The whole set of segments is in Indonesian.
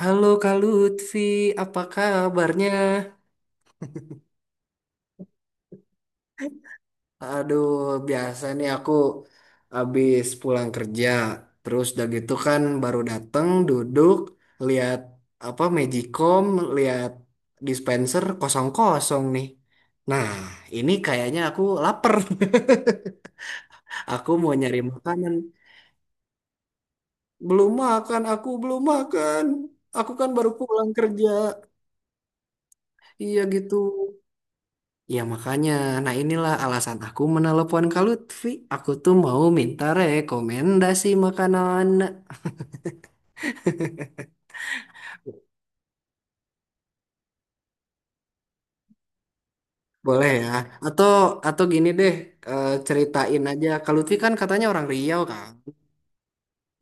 Halo Kak Lutfi, apa kabarnya? Aduh, biasa nih aku habis pulang kerja, terus udah gitu kan baru dateng duduk, lihat apa Magicom, lihat dispenser kosong-kosong nih. Nah, ini kayaknya aku lapar. Aku mau nyari makanan. Belum makan, aku belum makan. Aku kan baru pulang kerja. Iya gitu. Ya makanya, nah inilah alasan aku menelepon Kak Lutfi. Aku tuh mau minta rekomendasi makanan. Boleh ya? Atau atau gini deh, ceritain aja. Kak Lutfi kan katanya orang Riau kan?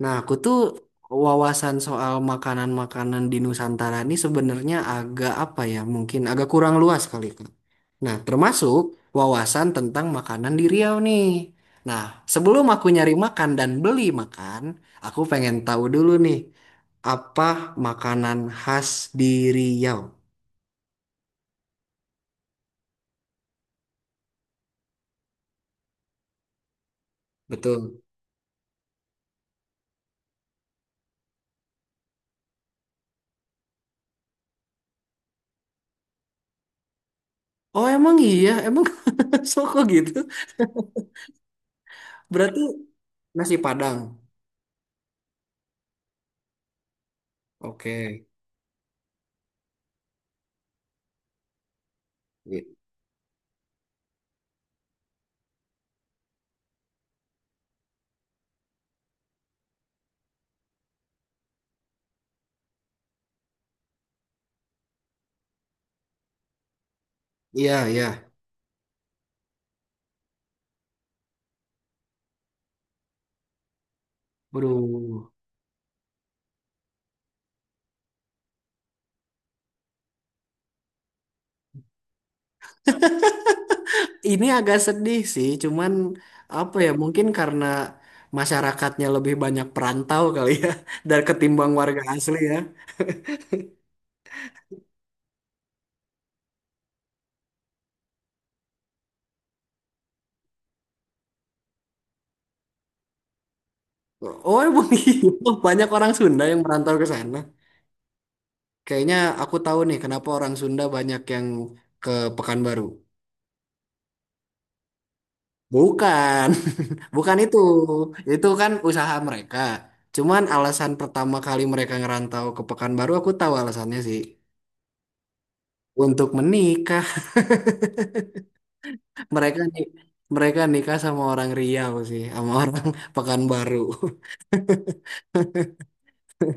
Nah, aku tuh wawasan soal makanan-makanan di Nusantara ini sebenarnya agak apa ya, mungkin agak kurang luas kali, Kak. Nah, termasuk wawasan tentang makanan di Riau nih. Nah, sebelum aku nyari makan dan beli makan, aku pengen tahu dulu nih, apa makanan khas di Riau? Betul. Oh, emang iya? Emang soko gitu? Berarti nasi Padang. Oke. I- Iya, iya. Waduh. Ini agak sedih sih, cuman apa ya mungkin karena masyarakatnya lebih banyak perantau kali ya dari ketimbang warga asli ya. Oh emang iya, banyak orang Sunda yang merantau ke sana. Kayaknya aku tahu nih kenapa orang Sunda banyak yang ke Pekanbaru. Bukan, bukan itu. Itu kan usaha mereka. Cuman alasan pertama kali mereka ngerantau ke Pekanbaru aku tahu alasannya sih. Untuk menikah. Mereka nih mereka nikah sama orang Riau sih, sama orang Pekanbaru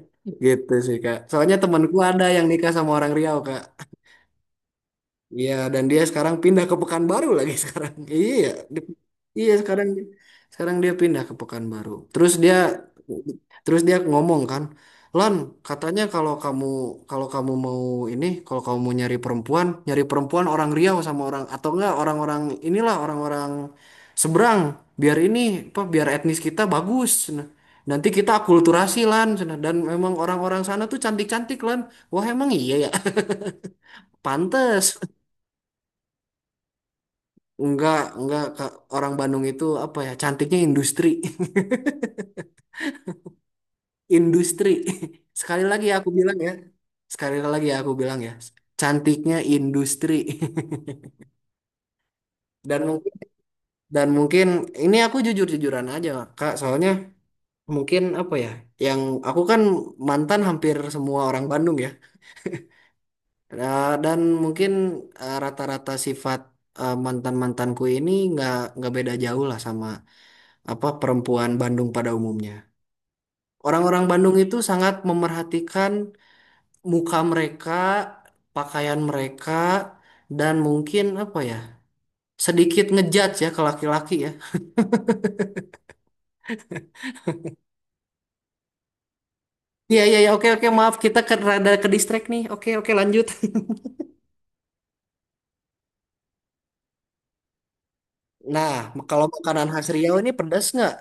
gitu sih Kak. Soalnya temanku ada yang nikah sama orang Riau Kak. Iya, dan dia sekarang pindah ke Pekanbaru lagi sekarang. Iya, di- iya sekarang sekarang dia pindah ke Pekanbaru. Terus dia ngomong kan, Lan, katanya kalau kamu mau ini, kalau kamu mau nyari perempuan orang Riau sama orang atau enggak orang-orang inilah orang-orang seberang, biar ini apa biar etnis kita bagus. Nah, nanti kita akulturasi Lan, Nah, dan memang orang-orang sana tuh cantik-cantik Lan. Wah, emang iya ya. Pantes. Enggak Kak. Orang Bandung itu apa ya? Cantiknya industri. Industri. Sekali lagi aku bilang ya. Sekali lagi aku bilang ya. Cantiknya industri. Dan mungkin dan mungkin ini aku jujur-jujuran aja, Kak. Soalnya mungkin apa ya? Yang aku kan mantan hampir semua orang Bandung ya. Nah, dan mungkin rata-rata sifat mantan-mantanku ini nggak beda jauh lah sama apa perempuan Bandung pada umumnya. Orang-orang Bandung itu sangat memerhatikan muka mereka, pakaian mereka, dan mungkin apa ya, sedikit ngejudge ya ke laki-laki ya. Iya, iya, iya, oke, oke, maaf, kita ke, rada ke distract nih. Oke, oke, lanjut. Nah, kalau makanan khas Riau ini pedas nggak?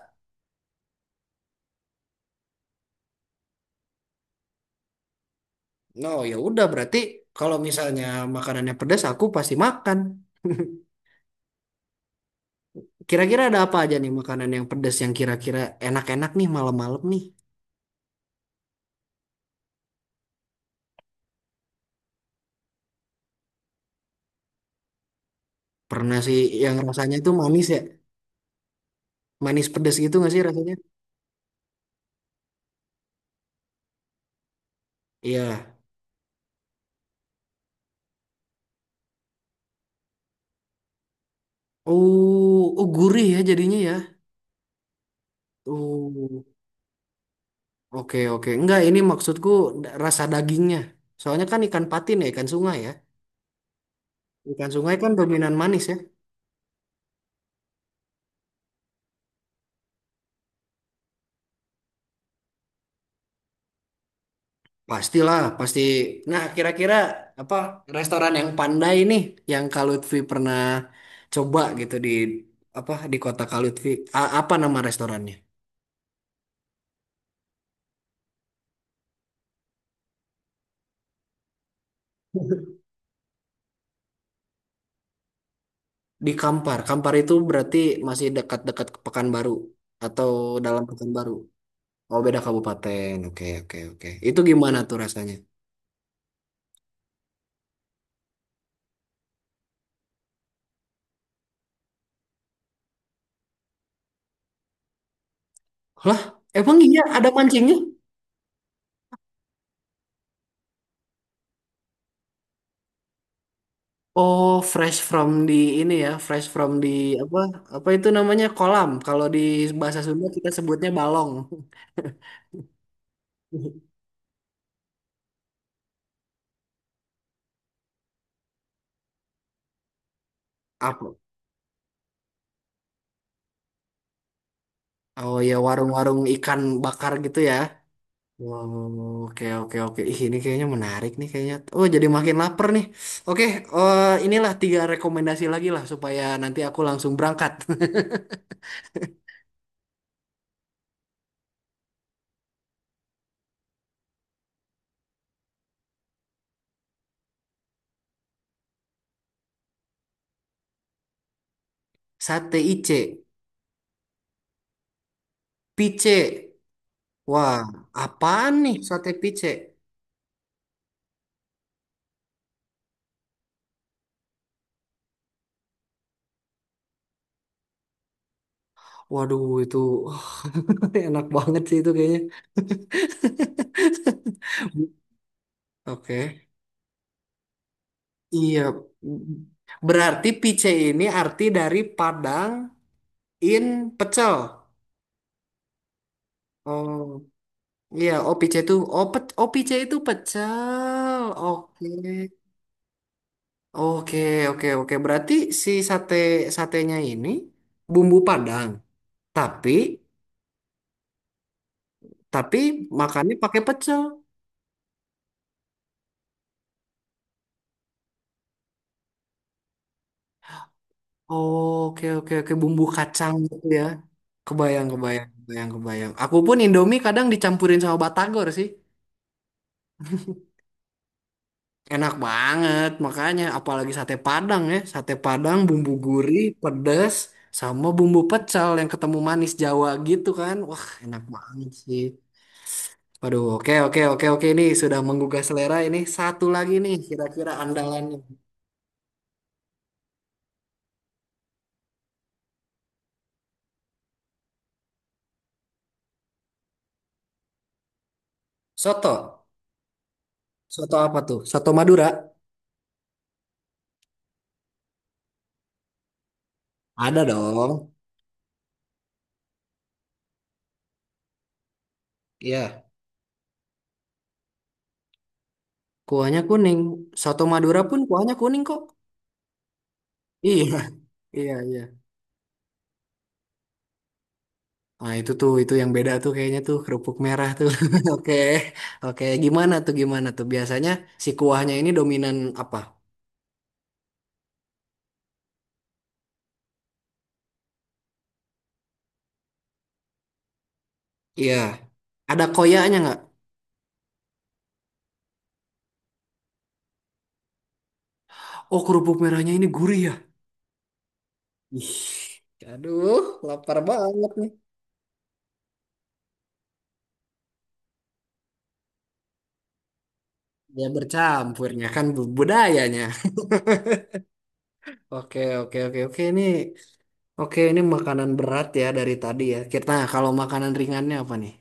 No, ya udah, berarti kalau misalnya makanannya pedas, aku pasti makan. Kira-kira ada apa aja nih makanan yang pedas yang kira-kira enak-enak nih malam-malam nih? Pernah sih yang rasanya itu manis ya? Manis pedas gitu nggak sih rasanya? Iya. Oh, oh gurih ya jadinya ya. Oh, oke oke. Enggak, ini maksudku rasa dagingnya. Soalnya kan ikan patin ya. Ikan sungai kan dominan manis ya. Pastilah, pasti. Nah, kira-kira apa restoran yang pandai nih yang Kak Lutfi pernah coba gitu di apa di kota Kak Lutfi. Apa nama restorannya? Di Kampar. Kampar itu berarti masih dekat-dekat ke Pekanbaru atau dalam Pekanbaru. Oh beda kabupaten. Oke oke oke. Itu gimana tuh rasanya? Lah, emang iya ada mancingnya? Oh, fresh from di ini ya, fresh from di apa? Apa itu namanya kolam? Kalau di bahasa Sunda kita sebutnya balong. Apa? Oh ya warung-warung ikan bakar gitu ya. Wow, oke oke oke. Ih, ini kayaknya menarik nih kayaknya. Oh, jadi makin lapar nih. Oke, inilah tiga rekomendasi lagi lah supaya nanti aku langsung berangkat. Sate IC, pice, Wah, apaan nih sate picek? Waduh, itu enak banget sih itu kayaknya. Oke. Iya. Berarti pice ini arti dari Padang in pecel. Oh, iya. Oh, pice itu. Oh, pe, oh pice itu pecel. Oke. Oke, oke, oke. Berarti si satenya ini bumbu Padang. Tapi, tapi makannya pakai pecel. Oh, Oke oke oke bumbu kacang gitu ya. Kebayang kebayang kebayang kebayang. Aku pun Indomie kadang dicampurin sama batagor sih. Enak banget makanya apalagi sate Padang ya. Sate Padang bumbu gurih, pedas sama bumbu pecal yang ketemu manis Jawa gitu kan. Wah, enak banget sih. Waduh, oke oke oke oke ini sudah menggugah selera ini. Satu lagi nih kira-kira andalannya. Soto. Soto apa tuh? Soto Madura. Ada dong. Iya. Kuahnya kuning. Soto Madura pun kuahnya kuning kok. Iya, iya, iya. Nah, itu tuh, itu yang beda tuh kayaknya tuh kerupuk merah tuh. Oke, oke. Gimana tuh, gimana tuh? Biasanya si kuahnya ini dominan apa? Iya. Ada koyaknya nggak? Oh, kerupuk merahnya ini gurih ya? Ih, aduh, lapar banget nih. Ya bercampurnya kan budayanya. Oke, oke, oke, oke. Ini, oke, ini makanan berat ya dari tadi ya. Kita, nah, kalau makanan ringannya apa nih?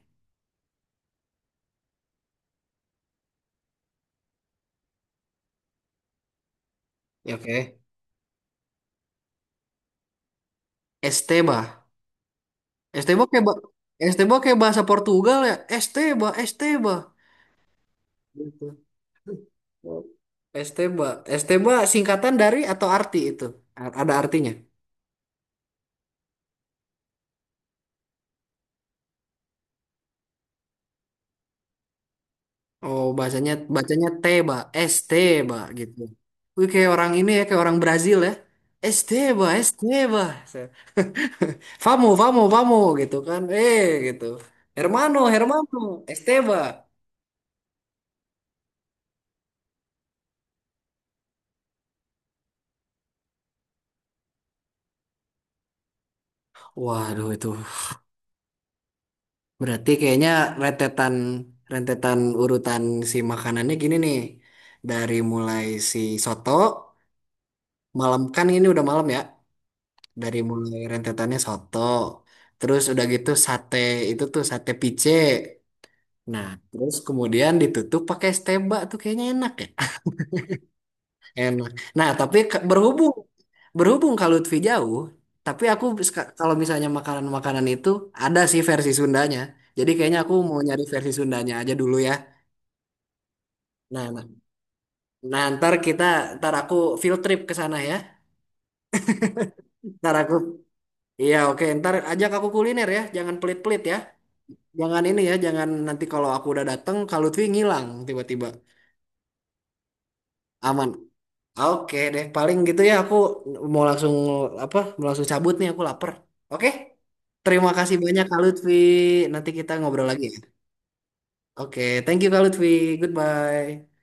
Ya, Oke. Esteba. Esteba kayak ba- Esteba kayak bahasa Portugal ya. Esteba, Esteba. Gitu. Esteba. Esteba singkatan dari atau arti itu? Ada artinya. Oh, bahasanya bacanya Teba, Esteba gitu. Wih, kayak orang ini ya, kayak orang Brazil ya. Esteba, Esteba. Famo, famo, famo gitu kan. Eh, gitu. Hermano, Hermano, Esteba. Waduh itu berarti kayaknya rentetan rentetan urutan si makanannya gini nih. Dari mulai si soto, malam kan ini udah malam ya. Dari mulai rentetannya soto, terus udah gitu sate itu tuh sate pice. Nah, terus kemudian ditutup pakai steba tuh kayaknya enak ya. Enak. Nah, tapi berhubung berhubung kalau Lutfi jauh, tapi aku kalau misalnya makanan-makanan itu ada sih versi Sundanya. Jadi kayaknya aku mau nyari versi Sundanya aja dulu ya. Nah, nah, nah, ntar aku field trip ke sana ya. Ntar aku, iya oke, ntar ajak aku kuliner ya. Jangan pelit-pelit ya. Jangan ini ya, jangan nanti kalau aku udah dateng, kalau Lutfi ngilang tiba-tiba. Aman. Oke deh, paling gitu ya aku mau langsung apa? Mau langsung cabut nih, aku lapar. Oke? Terima kasih banyak Kak Lutfi. Nanti kita ngobrol lagi ya. Oke, thank you Kak Lutfi. Goodbye.